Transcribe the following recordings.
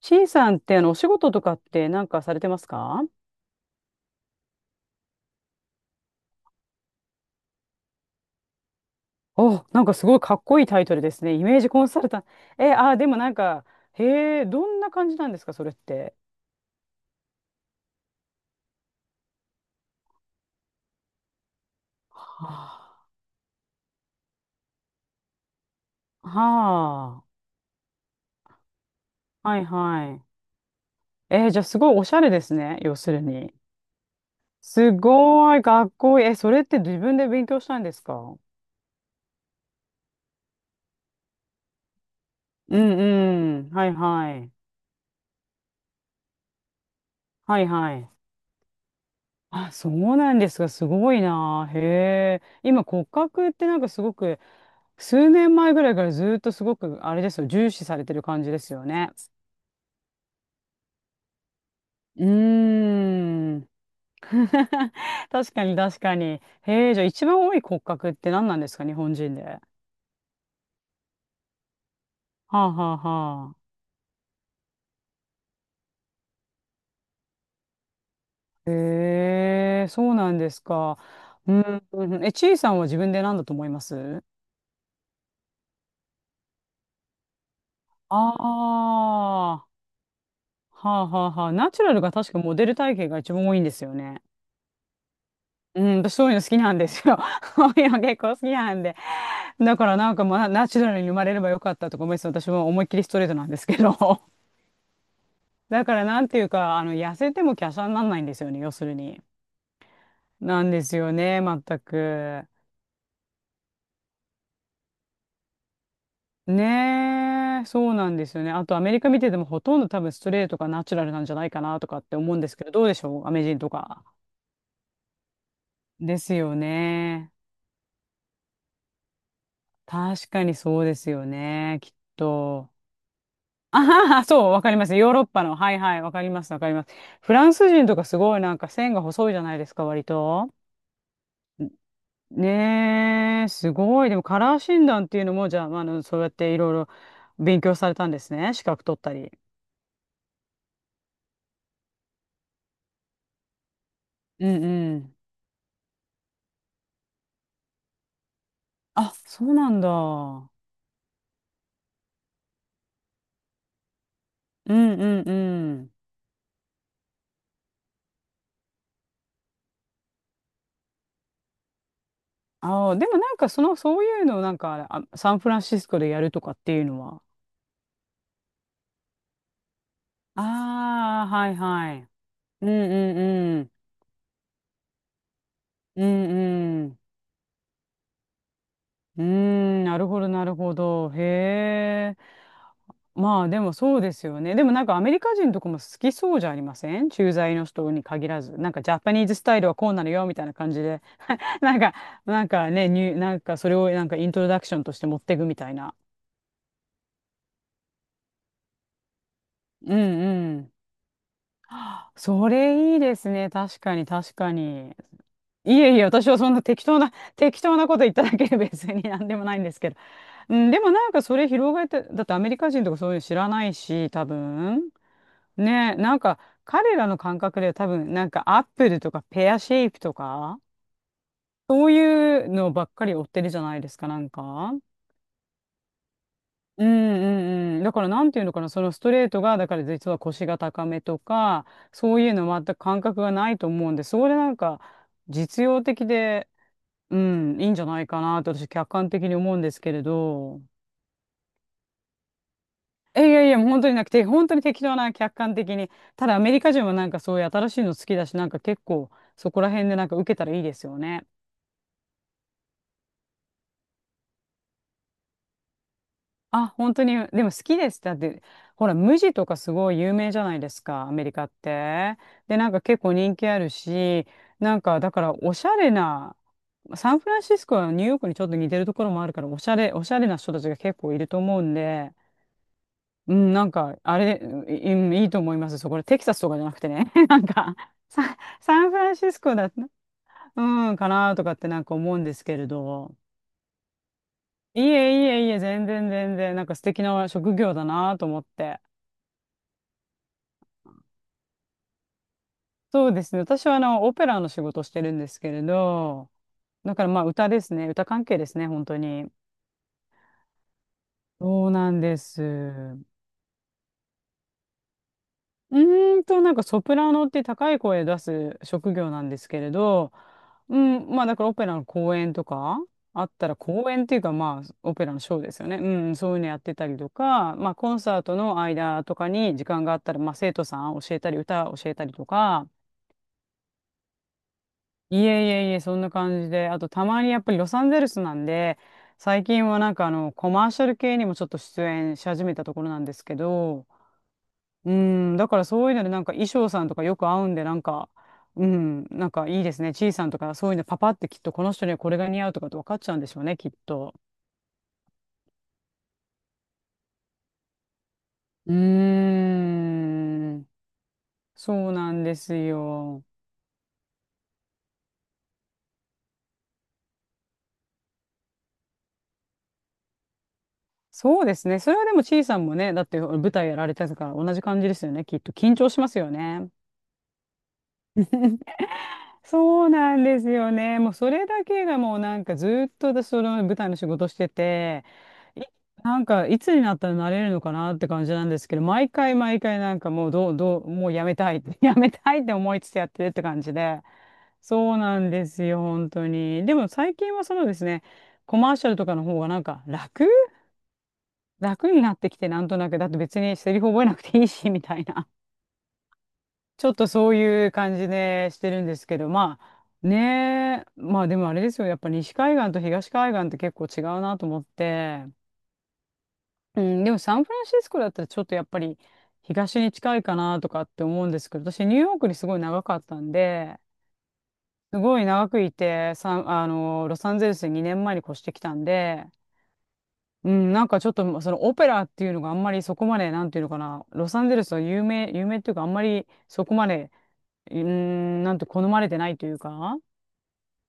C さんってお仕事とかってなんかされてますか？お、なんかすごいかっこいいタイトルですね。イメージコンサルタント。え、あ、でもなんか、へえ、どんな感じなんですか、それって。はあ、はあ、はいはい。じゃあすごいおしゃれですね、要するに。すごいかっこいい。え、それって自分で勉強したんですか？うんうん。はいはい。はいはい。あ、そうなんですが、すごいな。へえ。今骨格ってなんかすごく数年前ぐらいからずっとすごく、あれですよ、重視されてる感じですよね。うーん。確かに確かに。へえ、じゃあ一番多い骨格って何なんですか、日本人で。はあはあはあ。へえ、そうなんですか。うん、うんうん、え、ちいさんは自分で何だと思います？ああー、はあはあはあ。ナチュラルが確かモデル体型が一番多いんですよね。うん、私そういうの好きなんですよ。そういうの結構好きなんで。だからなんかまあナチュラルに生まれればよかったとか思いつつ私も思いっきりストレートなんですけど、 だからなんていうか痩せても華奢にならないんですよね、要するに。なんですよね、全く。ねえ、そうなんですよね。あとアメリカ見ててもほとんど多分ストレートがナチュラルなんじゃないかなとかって思うんですけど、どうでしょう、アメ人とか。ですよね。確かにそうですよね、きっと。あはは、そう、わかります。ヨーロッパの。はいはい、わかります、わかります。フランス人とかすごいなんか線が細いじゃないですか、割と。ねえ、すごい。でもカラー診断っていうのも、じゃあ、まあ、そうやっていろいろ勉強されたんですね。資格取ったり。うんうん。あ、そうなんだ。うんうんうん。ああ、でもなんかその、そういうのをなんか、あ、サンフランシスコでやるとかっていうのは。ああ、はいはい。うんうんうん。うん、うーん、なるほど、なるほど。へえ。まあ、でもそうですよね。でもなんかアメリカ人とかも好きそうじゃありません？駐在の人に限らず。なんかジャパニーズスタイルはこうなのよ、みたいな感じで。なんか、なんかね、なんかそれをなんかイントロダクションとして持っていくみたいな。うんうん。それいいですね。確かに、確かに。いえいえ、私はそんな適当なこと言っただけで別に 何でもないんですけど。うん、でもなんかそれ広がって、だってアメリカ人とかそういうの知らないし、多分。ねえ、なんか彼らの感覚では多分、なんかアップルとかペアシェイプとか、そういうのばっかり追ってるじゃないですか、なんか。うんうんうん。だからなんていうのかな、そのストレートが、だから実は腰が高めとか、そういうの全く感覚がないと思うんで、それなんか実用的で、うん、いいんじゃないかなと私客観的に思うんですけれど。え、いやいや、もう本当になくて、本当に適当な客観的に。ただアメリカ人はなんかそういう新しいの好きだし、なんか結構そこら辺でなんか受けたらいいですよね。あ、本当に、でも好きですだって、ほら、無地とかすごい有名じゃないですか、アメリカって。で、なんか結構人気あるし、なんかだからおしゃれな、サンフランシスコはニューヨークにちょっと似てるところもあるから、おしゃれな人たちが結構いると思うんで、うん、なんか、あれ、うん、いいと思います。そう、これテキサスとかじゃなくてね。なんか、サンフランシスコだった、うん、かなとかってなんか思うんですけれど。いえいえいえ、全然全然、なんか素敵な職業だなと思って。そうですね。私は、オペラの仕事をしてるんですけれど、だからまあ、歌ですね。歌関係ですね、本当に。そうなんです。う、なんかソプラノって高い声出す職業なんですけれど、うん、まあだからオペラの公演とかあったら公演っていうかまあオペラのショーですよね。うん、そういうのやってたりとか、まあコンサートの間とかに時間があったら、まあ生徒さん教えたり歌教えたりとか、いえいえいえ、そんな感じで、あとたまにやっぱりロサンゼルスなんで、最近はなんかコマーシャル系にもちょっと出演し始めたところなんですけど、うん、だからそういうのでなんか衣装さんとかよく合うんでなんか、うん、なんかいいですね。ちいさんとかそういうのパパってきっとこの人にはこれが似合うとかって分かっちゃうんでしょうね、きっと。うーん。そうなんですよ。そうですね。それはでもちいさんもね、だって舞台やられてたから同じ感じですよね、きっと。緊張しますよね。そうなんですよね。もうそれだけがもうなんかずっと私その舞台の仕事してて、い、なんかいつになったらなれるのかなって感じなんですけど、毎回毎回なんかもうどう、どう、もうやめたいって、やめたいって思いつつやってるって感じで。そうなんですよ、本当に。でも最近はそのですね、コマーシャルとかの方がなんか楽になってきて、なんとなく。だって別にセリフ覚えなくていいし、みたいな。ちょっとそういう感じでしてるんですけど、まあねえ、まあでもあれですよ、やっぱ西海岸と東海岸って結構違うなと思って、うん、でもサンフランシスコだったらちょっとやっぱり東に近いかなとかって思うんですけど、私ニューヨークにすごい長かったんで、すごい長くいて、ロサンゼルスに2年前に越してきたんで、うん、なんかちょっとそのオペラっていうのがあんまりそこまで、なんていうのかな、ロサンゼルスは有名っていうかあんまりそこまでうーん、なんと好まれてないというか、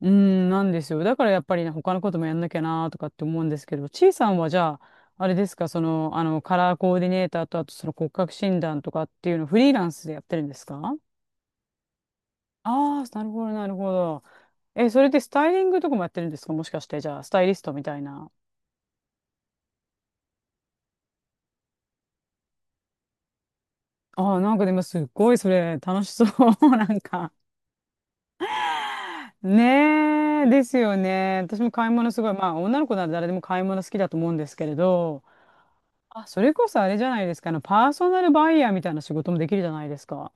うーん、なんですよ。だからやっぱりね、他のこともやんなきゃなとかって思うんですけど、ちいさんはじゃあ、あれですか、その、カラーコーディネーターと、あとその骨格診断とかっていうのをフリーランスでやってるんですか？ああー、なるほど、なるほど。え、それでスタイリングとかもやってるんですか？もしかして、じゃあ、スタイリストみたいな。ああ、なんかでもすっごいそれ楽しそう。なんか。ねえ、ですよね。私も買い物すごい、まあ女の子なら誰でも買い物好きだと思うんですけれど、あ、それこそあれじゃないですか。パーソナルバイヤーみたいな仕事もできるじゃないですか。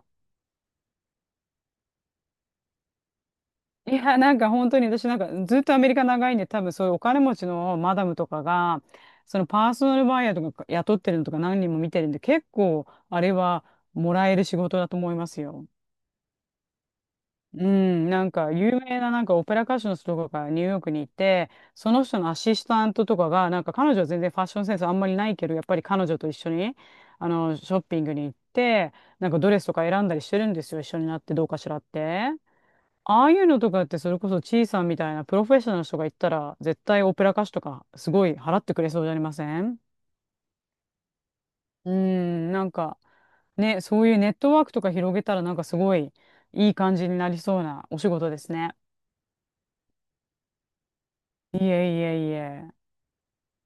いや、なんか本当に私なんかずっとアメリカ長いんで、多分そういうお金持ちのマダムとかが、そのパーソナルバイヤーとか雇ってるのとか何人も見てるんで、結構あれはもらえる仕事だと思いますよ。うん、なんか有名ななんかオペラ歌手の人とかがニューヨークにいて、その人のアシスタントとかが、なんか彼女は全然ファッションセンスあんまりないけど、やっぱり彼女と一緒に、ショッピングに行って、なんかドレスとか選んだりしてるんですよ、一緒になってどうかしらって。ああいうのとかってそれこそチーさんみたいなプロフェッショナルの人が行ったら、絶対オペラ歌手とかすごい払ってくれそうじゃありません？うん、なんかね、そういうネットワークとか広げたらなんかすごいいい感じになりそうなお仕事ですね。いえいえいえ。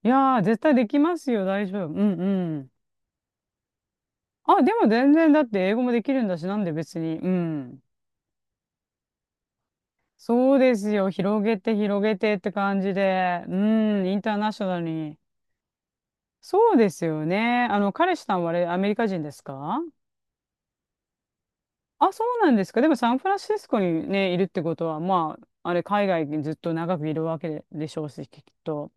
いやー、絶対できますよ、大丈夫。うんうん。あ、でも全然、だって英語もできるんだし、なんで別に。うん。そうですよ、広げて広げてって感じで。うん、インターナショナルに。そうですよね。彼氏さんはあれ、アメリカ人ですか？あ、そうなんですか。でもサンフランシスコにね、いるってことは、まあ、あれ、海外にずっと長くいるわけでしょうし、きっと。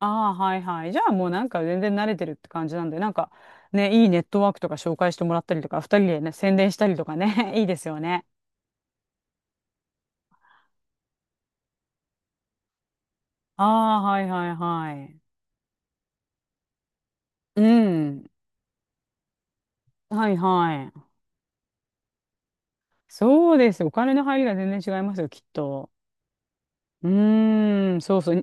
ああ、はいはい。じゃあもうなんか全然慣れてるって感じなんで、なんかね、いいネットワークとか紹介してもらったりとか、二人でね、宣伝したりとかね、いいですよね。ああ、はいはいはい。うん。はいはい。そうです。お金の入りが全然違いますよ、きっと。うーん、そうそう。に、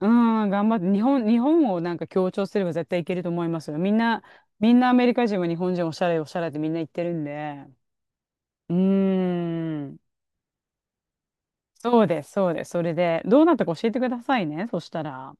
うーん、頑張って。日本をなんか強調すれば絶対いけると思いますよ。みんな、みんなアメリカ人は日本人おしゃれおしゃれってみんな言ってるんで。うーん。そうです、そうです。それで、どうなったか教えてくださいね。そしたら。